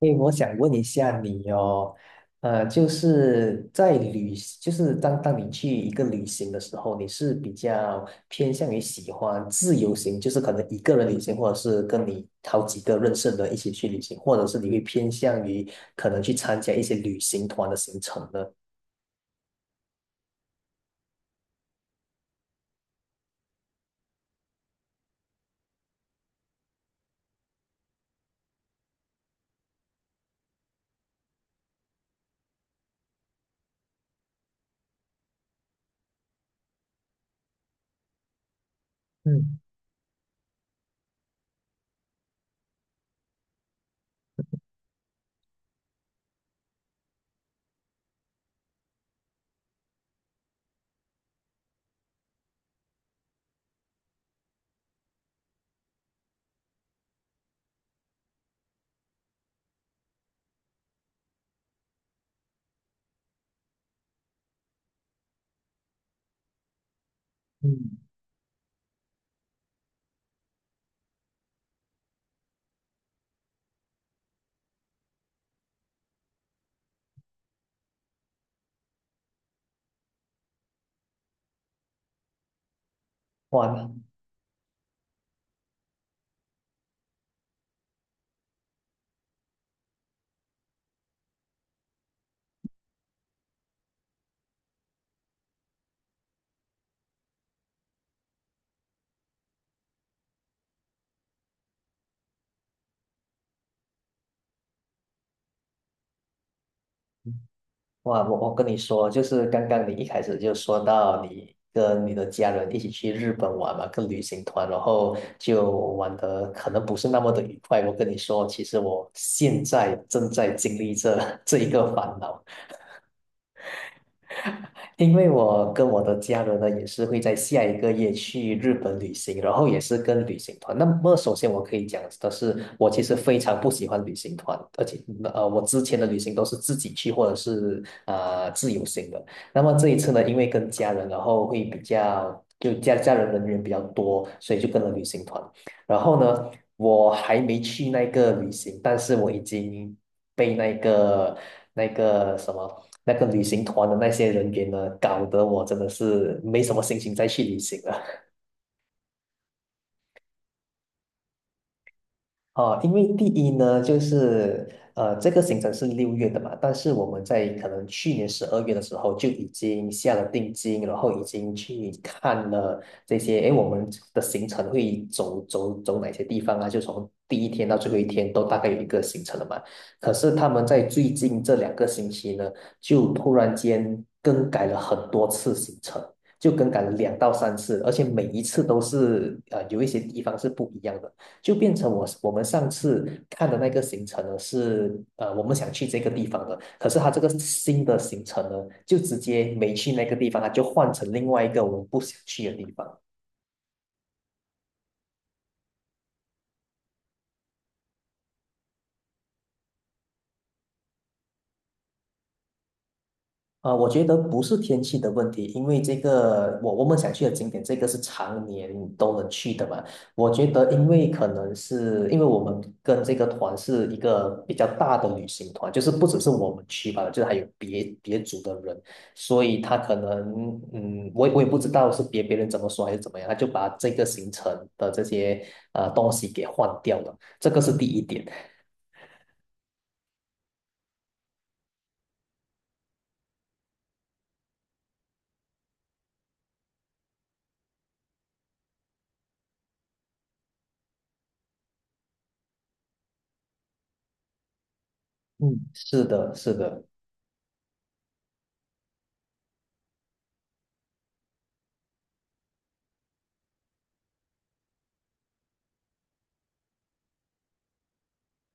诶，我想问一下你哦，就是就是当你去一个旅行的时候，你是比较偏向于喜欢自由行，就是可能一个人旅行，或者是跟你好几个认识的人一起去旅行，或者是你会偏向于可能去参加一些旅行团的行程呢？嗯嗯，哇，我跟你说，就是刚刚你一开始就说到你跟你的家人一起去日本玩嘛，跟旅行团，然后就玩的可能不是那么的愉快。我跟你说，其实我现在正在经历这 这一个烦恼。因为我跟我的家人呢，也是会在下一个月去日本旅行，然后也是跟旅行团。那么，首先我可以讲的是，我其实非常不喜欢旅行团，而且我之前的旅行都是自己去或者是自由行的。那么这一次呢，因为跟家人，然后会比较就家员比较多，所以就跟了旅行团。然后呢，我还没去那个旅行，但是我已经被那个那个什么。那个旅行团的那些人员呢，搞得我真的是没什么心情再去旅行了。哦，因为第一呢，这个行程是六月的嘛，但是我们在可能去年十二月的时候就已经下了定金，然后已经去看了这些，诶，我们的行程会走哪些地方啊？就从第一天到最后一天都大概有一个行程了嘛。可是他们在最近这两个星期呢，就突然间更改了很多次行程。就更改了两到三次，而且每一次都是有一些地方是不一样的。就变成我们上次看的那个行程呢是我们想去这个地方的，可是他这个新的行程呢就直接没去那个地方，他就换成另外一个我们不想去的地方。啊，我觉得不是天气的问题，因为这个我们想去的景点，这个是常年都能去的嘛。我觉得，因为可能是因为我们跟这个团是一个比较大的旅行团，就是不只是我们去吧，就是还有别组的人，所以他可能，嗯，我也不知道是别人怎么说还是怎么样，他就把这个行程的这些呃东西给换掉了，这个是第一点。嗯，是的，是的，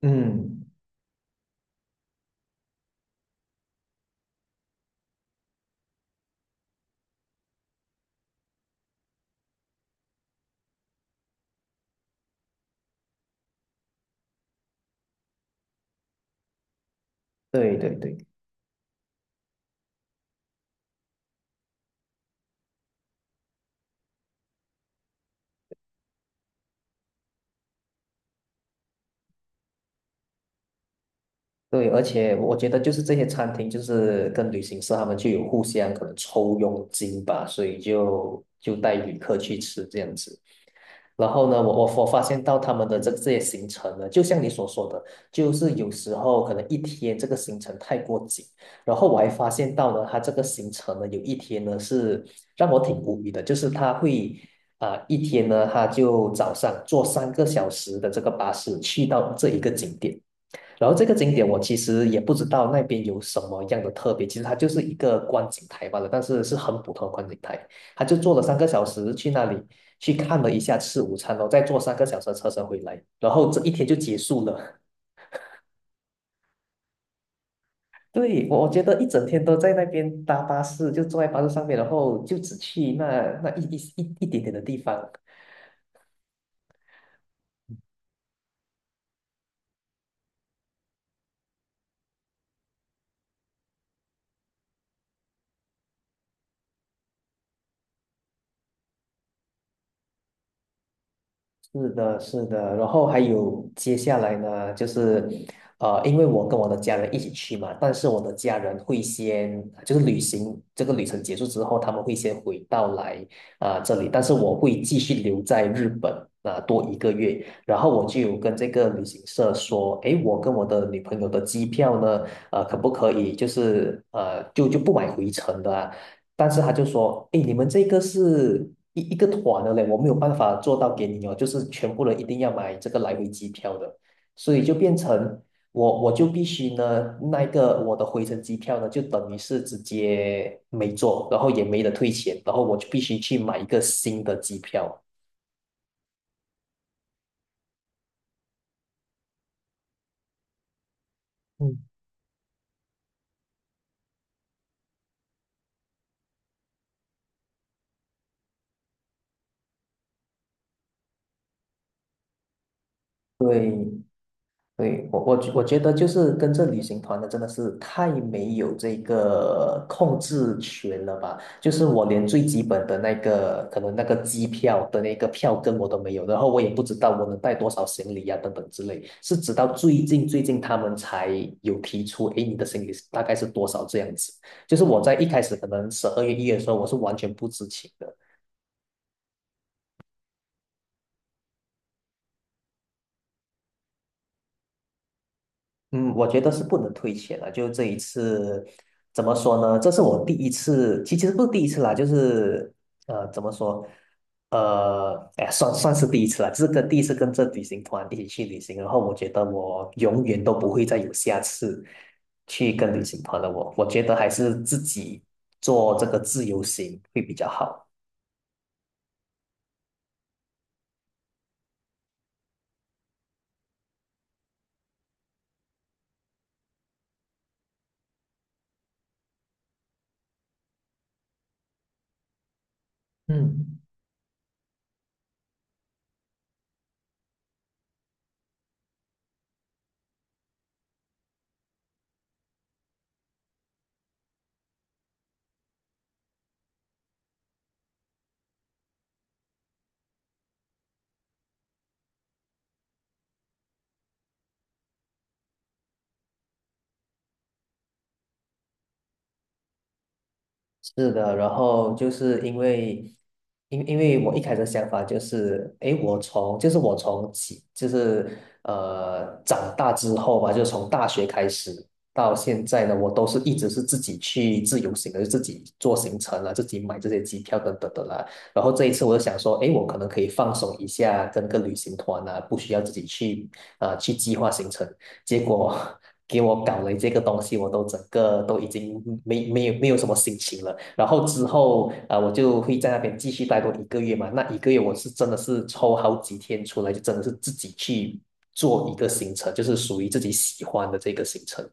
嗯，对对对。对，而且我觉得就是这些餐厅，就是跟旅行社他们就有互相可能抽佣金吧，所以就带旅客去吃这样子。然后呢，我发现到他们的这些行程呢，就像你所说的，就是有时候可能一天这个行程太过紧，然后我还发现到呢，他这个行程呢，有一天呢是让我挺无语的，就是他会一天呢，他就早上坐三个小时的这个巴士去到这一个景点。然后这个景点我其实也不知道那边有什么样的特别，其实它就是一个观景台罢了，但是是很普通的观景台。他就坐了三个小时去那里去看了一下，吃午餐哦，然后再坐三个小时的车程回来，然后这一天就结束了。对，我我觉得一整天都在那边搭巴士，就坐在巴士上面，然后就只去那那一一一一点点的地方。是的，是的，然后还有接下来呢，因为我跟我的家人一起去嘛，但是我的家人会先，就是旅行这个旅程结束之后，他们会先回到来这里，但是我会继续留在日本多一个月，然后我就有跟这个旅行社说，诶，我跟我的女朋友的机票呢，呃，可不可以就不买回程的啊但是他就说，哎，你们这个是一个团的嘞，我没有办法做到给你哦，就是全部人一定要买这个来回机票的，所以就变成我就必须呢，那个我的回程机票呢，就等于是直接没做，然后也没得退钱，然后我就必须去买一个新的机票。嗯，对，对，我觉得就是跟着旅行团的真的是太没有这个控制权了吧？就是我连最基本的那个可能那个机票的那个票根我都没有，然后我也不知道我能带多少行李呀、等等之类。是直到最近他们才有提出，诶，你的行李是大概是多少这样子。就是我在一开始可能十二月一月的时候，我是完全不知情的。嗯，我觉得是不能退钱了。就这一次，怎么说呢？这是我第一次，其实不是第一次啦，怎么说？哎，算是第一次啦，这是跟第一次跟这旅行团一起去旅行，然后我觉得我永远都不会再有下次去跟旅行团了我。我觉得还是自己做这个自由行会比较好。嗯。是的，然后因因为我一开始的想法就是，诶，我从起长大之后吧，就是从大学开始到现在呢，我都是一直是自己去自由行的，就自己做行程啊，自己买这些机票等等的啦。然后这一次我就想说，诶，我可能可以放松一下，跟个旅行团啊，不需要自己去去计划行程结果给我搞了这个东西，我都整个都已经没有什么心情了。然后之后我就会在那边继续待多一个月嘛。那一个月我是真的是抽好几天出来，就真的是自己去做一个行程，就是属于自己喜欢的这个行程。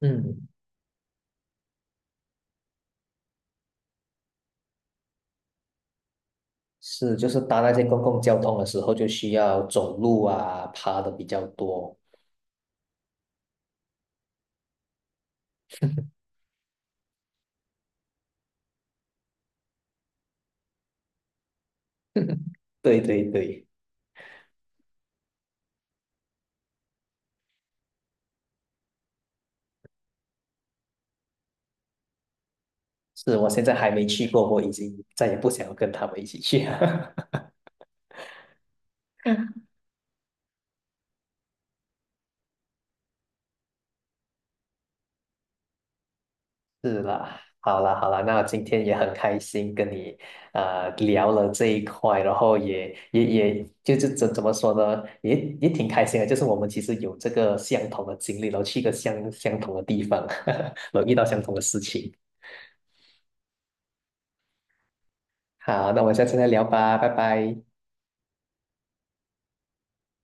嗯，是，就是搭那些公共交通的时候，就需要走路啊，爬的比较多。对对对，是我现在还没去过，我已经再也不想要跟他们一起去。是啦，好啦，好啦，那今天也很开心跟你聊了这一块，然后也就是怎么说呢，也挺开心的，就是我们其实有这个相同的经历，然后去一个相同的地方，然后遇到相同的事情。好，那我们下次再聊吧，拜拜。